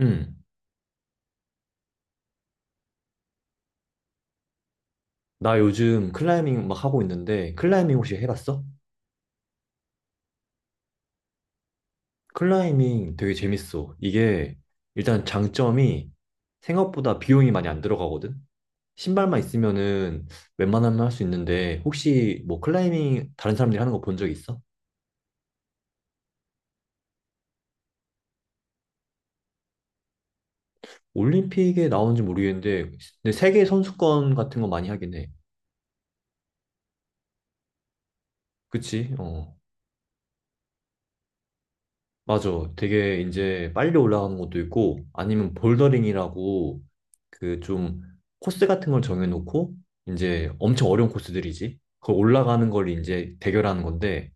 응. 나 요즘 클라이밍 막 하고 있는데, 클라이밍 혹시 해봤어? 클라이밍 되게 재밌어. 이게 일단 장점이 생각보다 비용이 많이 안 들어가거든? 신발만 있으면은 웬만하면 할 수 있는데, 혹시 뭐 클라이밍 다른 사람들이 하는 거 본 적 있어? 올림픽에 나오는지 모르겠는데, 근데 세계 선수권 같은 거 많이 하긴 해. 그치? 어. 맞아. 되게 이제 빨리 올라가는 것도 있고, 아니면 볼더링이라고 그 좀 코스 같은 걸 정해놓고, 이제 엄청 어려운 코스들이지. 그걸 올라가는 걸 이제 대결하는 건데,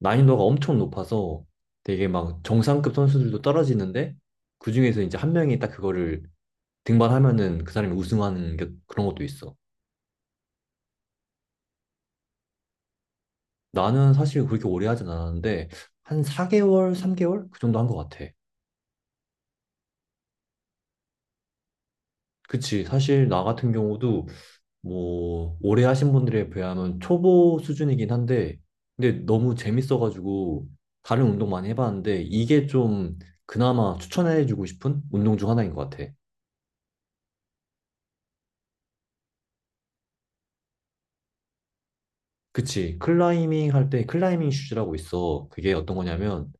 난이도가 엄청 높아서 되게 막 정상급 선수들도 떨어지는데, 그중에서 이제 한 명이 딱 그거를 등반하면은 그 사람이 우승하는 게 그런 것도 있어. 나는 사실 그렇게 오래 하진 않았는데, 한 4개월, 3개월? 그 정도 한 것 같아. 그치. 사실 나 같은 경우도 뭐 오래 하신 분들에 비하면 초보 수준이긴 한데 근데 너무 재밌어가지고 다른 운동 많이 해봤는데 이게 좀 그나마 추천해주고 싶은 운동 중 하나인 것 같아. 그치. 클라이밍 할 때 클라이밍 슈즈라고 있어. 그게 어떤 거냐면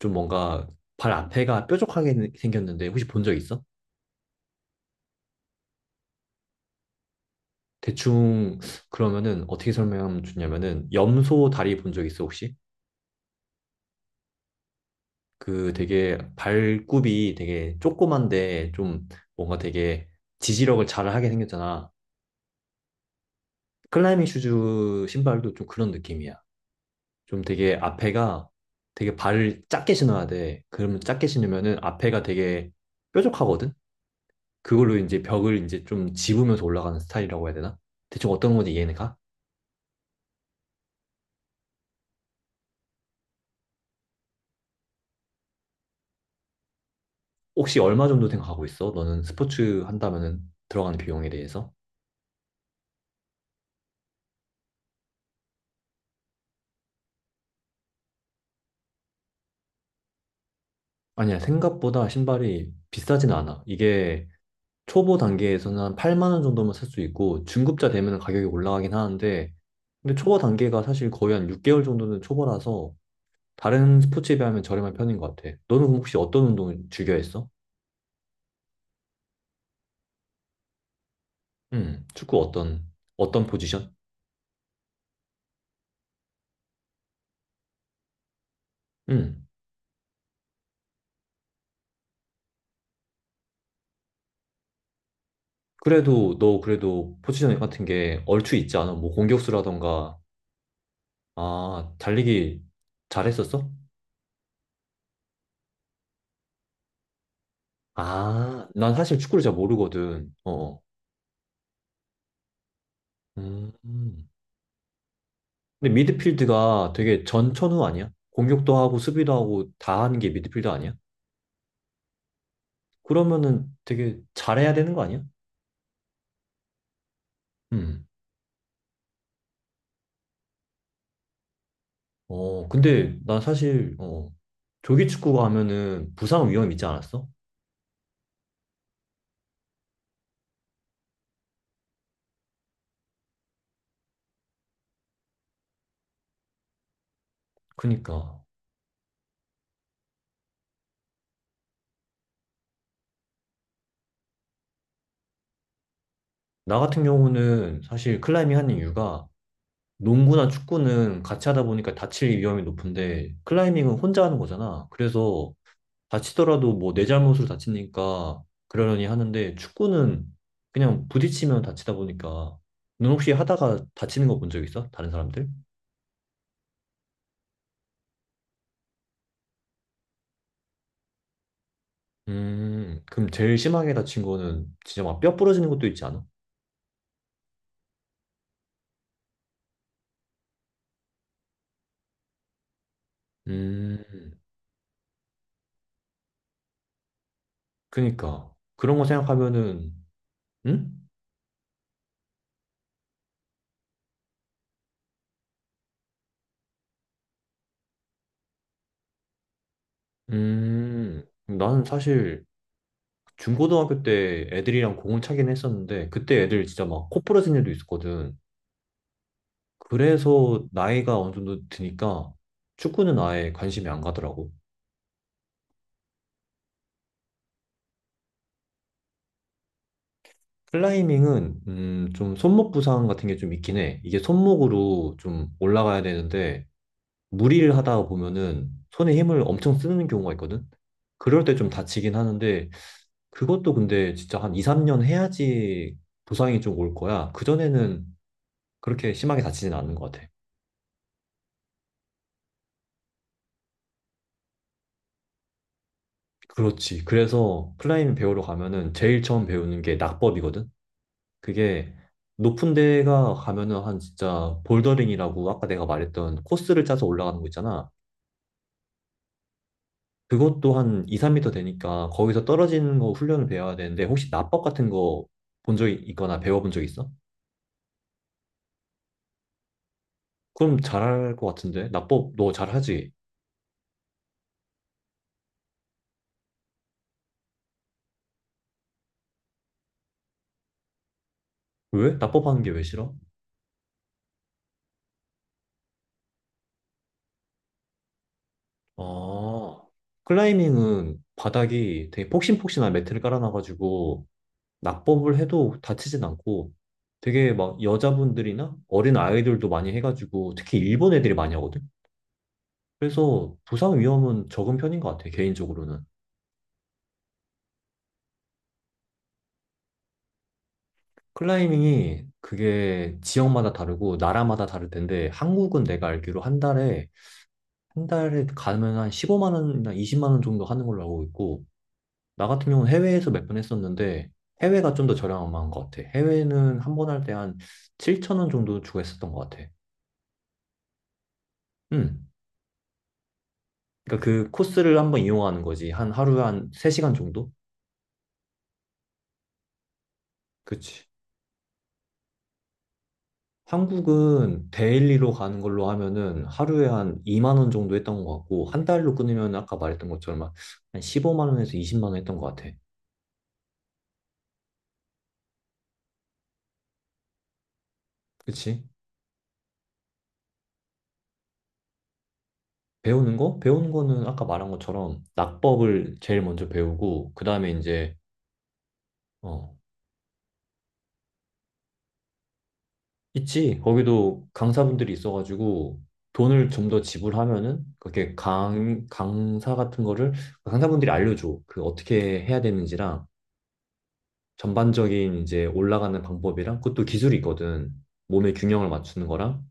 좀 뭔가 발 앞에가 뾰족하게 생겼는데 혹시 본 적 있어? 대충 그러면은 어떻게 설명하면 좋냐면은 염소 다리 본 적 있어 혹시? 그 되게 발굽이 되게 조그만데 좀 뭔가 되게 지지력을 잘 하게 생겼잖아. 클라이밍 슈즈 신발도 좀 그런 느낌이야. 좀 되게 앞에가 되게 발을 작게 신어야 돼. 그러면 작게 신으면은 앞에가 되게 뾰족하거든? 그걸로 이제 벽을 이제 좀 집으면서 올라가는 스타일이라고 해야 되나? 대충 어떤 건지 이해는 가? 혹시 얼마 정도 생각하고 있어? 너는 스포츠 한다면은 들어가는 비용에 대해서? 아니야, 생각보다 신발이 비싸진 않아. 이게 초보 단계에서는 한 8만 원 정도면 살 수 있고 중급자 되면 가격이 올라가긴 하는데 근데 초보 단계가 사실 거의 한 6개월 정도는 초보라서 다른 스포츠에 비하면 저렴한 편인 것 같아. 너는 그럼 혹시 어떤 운동을 즐겨 했어? 축구 어떤 포지션? 음, 그래도 너 그래도 포지션 같은 게 얼추 있지 않아? 뭐 공격수라던가 아, 달리기 잘했었어? 아, 난 사실 축구를 잘 모르거든. 어. 음. 근데 미드필드가 되게 전천후 아니야? 공격도 하고 수비도 하고 다 하는 게 미드필드 아니야? 그러면은 되게 잘해야 되는 거 아니야? 음. 어, 근데 난 사실 조기 축구가 하면은 부상 위험 있지 않았어? 그니까 나 같은 경우는 사실 클라이밍 하는 이유가 농구나 축구는 같이 하다 보니까 다칠 위험이 높은데 클라이밍은 혼자 하는 거잖아. 그래서 다치더라도 뭐 내 잘못으로 다치니까 그러려니 하는데 축구는 그냥 부딪히면 다치다 보니까 넌 혹시 하다가 다치는 거 본 적 있어? 다른 사람들? 그럼 제일 심하게 다친 거는 진짜 막 뼈 부러지는 것도 있지 않아? 음, 그니까. 그런 거 생각하면은, 응? 나는 사실 중고등학교 때 애들이랑 공을 차긴 했었는데, 그때 애들 진짜 막 코 부러진 애도 있었거든. 그래서 나이가 어느 정도 드니까 축구는 아예 관심이 안 가더라고. 클라이밍은 좀 손목 부상 같은 게 좀 있긴 해. 이게 손목으로 좀 올라가야 되는데 무리를 하다 보면은 손에 힘을 엄청 쓰는 경우가 있거든. 그럴 때 좀 다치긴 하는데 그것도 근데 진짜 한 2, 3년 해야지 부상이 좀 올 거야. 그전에는 그렇게 심하게 다치진 않는 것 같아. 그렇지. 그래서 클라이밍 배우러 가면은 제일 처음 배우는 게 낙법이거든. 그게 높은 데가 가면은 한 진짜 볼더링이라고 아까 내가 말했던 코스를 짜서 올라가는 거 있잖아. 그것도 한 2, 3미터 되니까 거기서 떨어지는 거 훈련을 배워야 되는데 혹시 납법 같은 거 본 적이 있거나 배워본 적 있어? 그럼 잘할 것 같은데? 납법 너 잘하지? 왜? 납법 하는 게 왜 싫어? 아, 클라이밍은 바닥이 되게 폭신폭신한 매트를 깔아놔가지고 낙법을 해도 다치진 않고 되게 막 여자분들이나 어린 아이들도 많이 해가지고 특히 일본 애들이 많이 하거든. 그래서 부상 위험은 적은 편인 것 같아, 개인적으로는. 클라이밍이 그게 지역마다 다르고 나라마다 다를 텐데 한국은 내가 알기로 한 달에 가면 한 15만 원이나 20만 원 정도 하는 걸로 알고 있고 나 같은 경우는 해외에서 몇 번 했었는데 해외가 좀 더 저렴한 것 같아. 해외는 한 번 할 때 한 7천 원 정도 주고 했었던 것 같아. 음. 그러니까 그 코스를 한번 이용하는 거지. 한 하루에 한 3시간 정도? 그치. 한국은 데일리로 가는 걸로 하면은 하루에 한 2만 원 정도 했던 것 같고, 한 달로 끊으면 아까 말했던 것처럼 한 15만 원에서 20만 원 했던 것 같아. 그치? 배우는 거? 배우는 거는 아까 말한 것처럼 낙법을 제일 먼저 배우고, 그 다음에 이제, 어, 있지. 거기도 강사분들이 있어가지고 돈을 좀 더 지불하면은 그렇게 강 강사 같은 거를 강사분들이 알려줘. 그 어떻게 해야 되는지랑 전반적인 이제 올라가는 방법이랑 그것도 기술이 있거든. 몸의 균형을 맞추는 거랑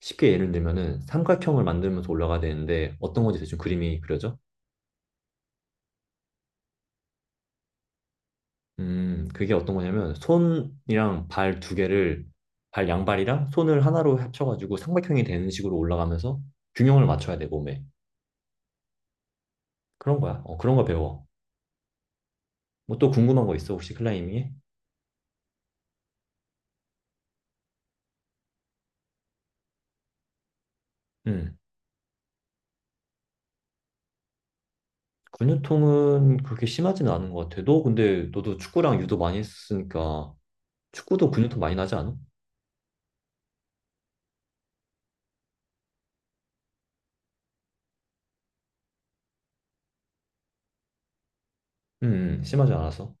쉽게 예를 들면은 삼각형을 만들면서 올라가야 되는데 어떤 건지 대충 그림이 그려져? 그게 어떤 거냐면 손이랑 발 두 개를 발 양발이랑 손을 하나로 합쳐가지고 삼각형이 되는 식으로 올라가면서 균형을 맞춰야 돼, 몸에. 그런 거야. 어, 그런 거 배워. 뭐 또 궁금한 거 있어? 혹시 클라이밍에? 음. 근육통은 그렇게 심하지는 않은 것 같아. 너 근데 너도 축구랑 유도 많이 했으니까 축구도 근육통 많이 나지 않아? 심하지 않아서.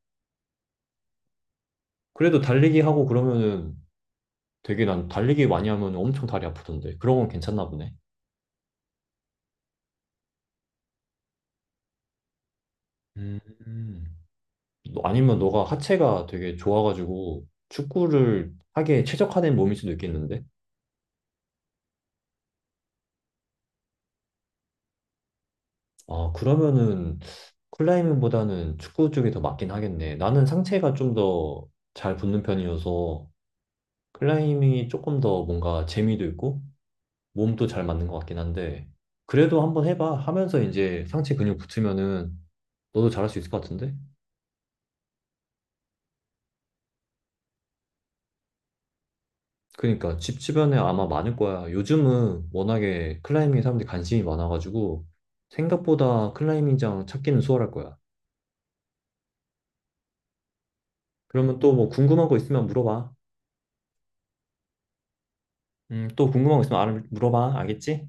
그래도 달리기 하고 그러면은 되게 난 달리기 많이 하면 엄청 다리 아프던데. 그런 건 괜찮나 보네. 음. 음. 아니면 너가 하체가 되게 좋아가지고 축구를 하게 최적화된 몸일 수도 있겠는데? 아, 그러면은 클라이밍보다는 축구 쪽이 더 맞긴 하겠네. 나는 상체가 좀 더 잘 붙는 편이어서 클라이밍이 조금 더 뭔가 재미도 있고 몸도 잘 맞는 것 같긴 한데 그래도 한번 해봐 하면서 이제 상체 근육 붙으면은 너도 잘할 수 있을 것 같은데? 그러니까 집 주변에 아마 많을 거야. 요즘은 워낙에 클라이밍에 사람들이 관심이 많아가지고 생각보다 클라이밍장 찾기는 수월할 거야. 그러면 또 뭐 궁금한 거 있으면 물어봐. 또 궁금한 거 있으면 물어봐. 알겠지?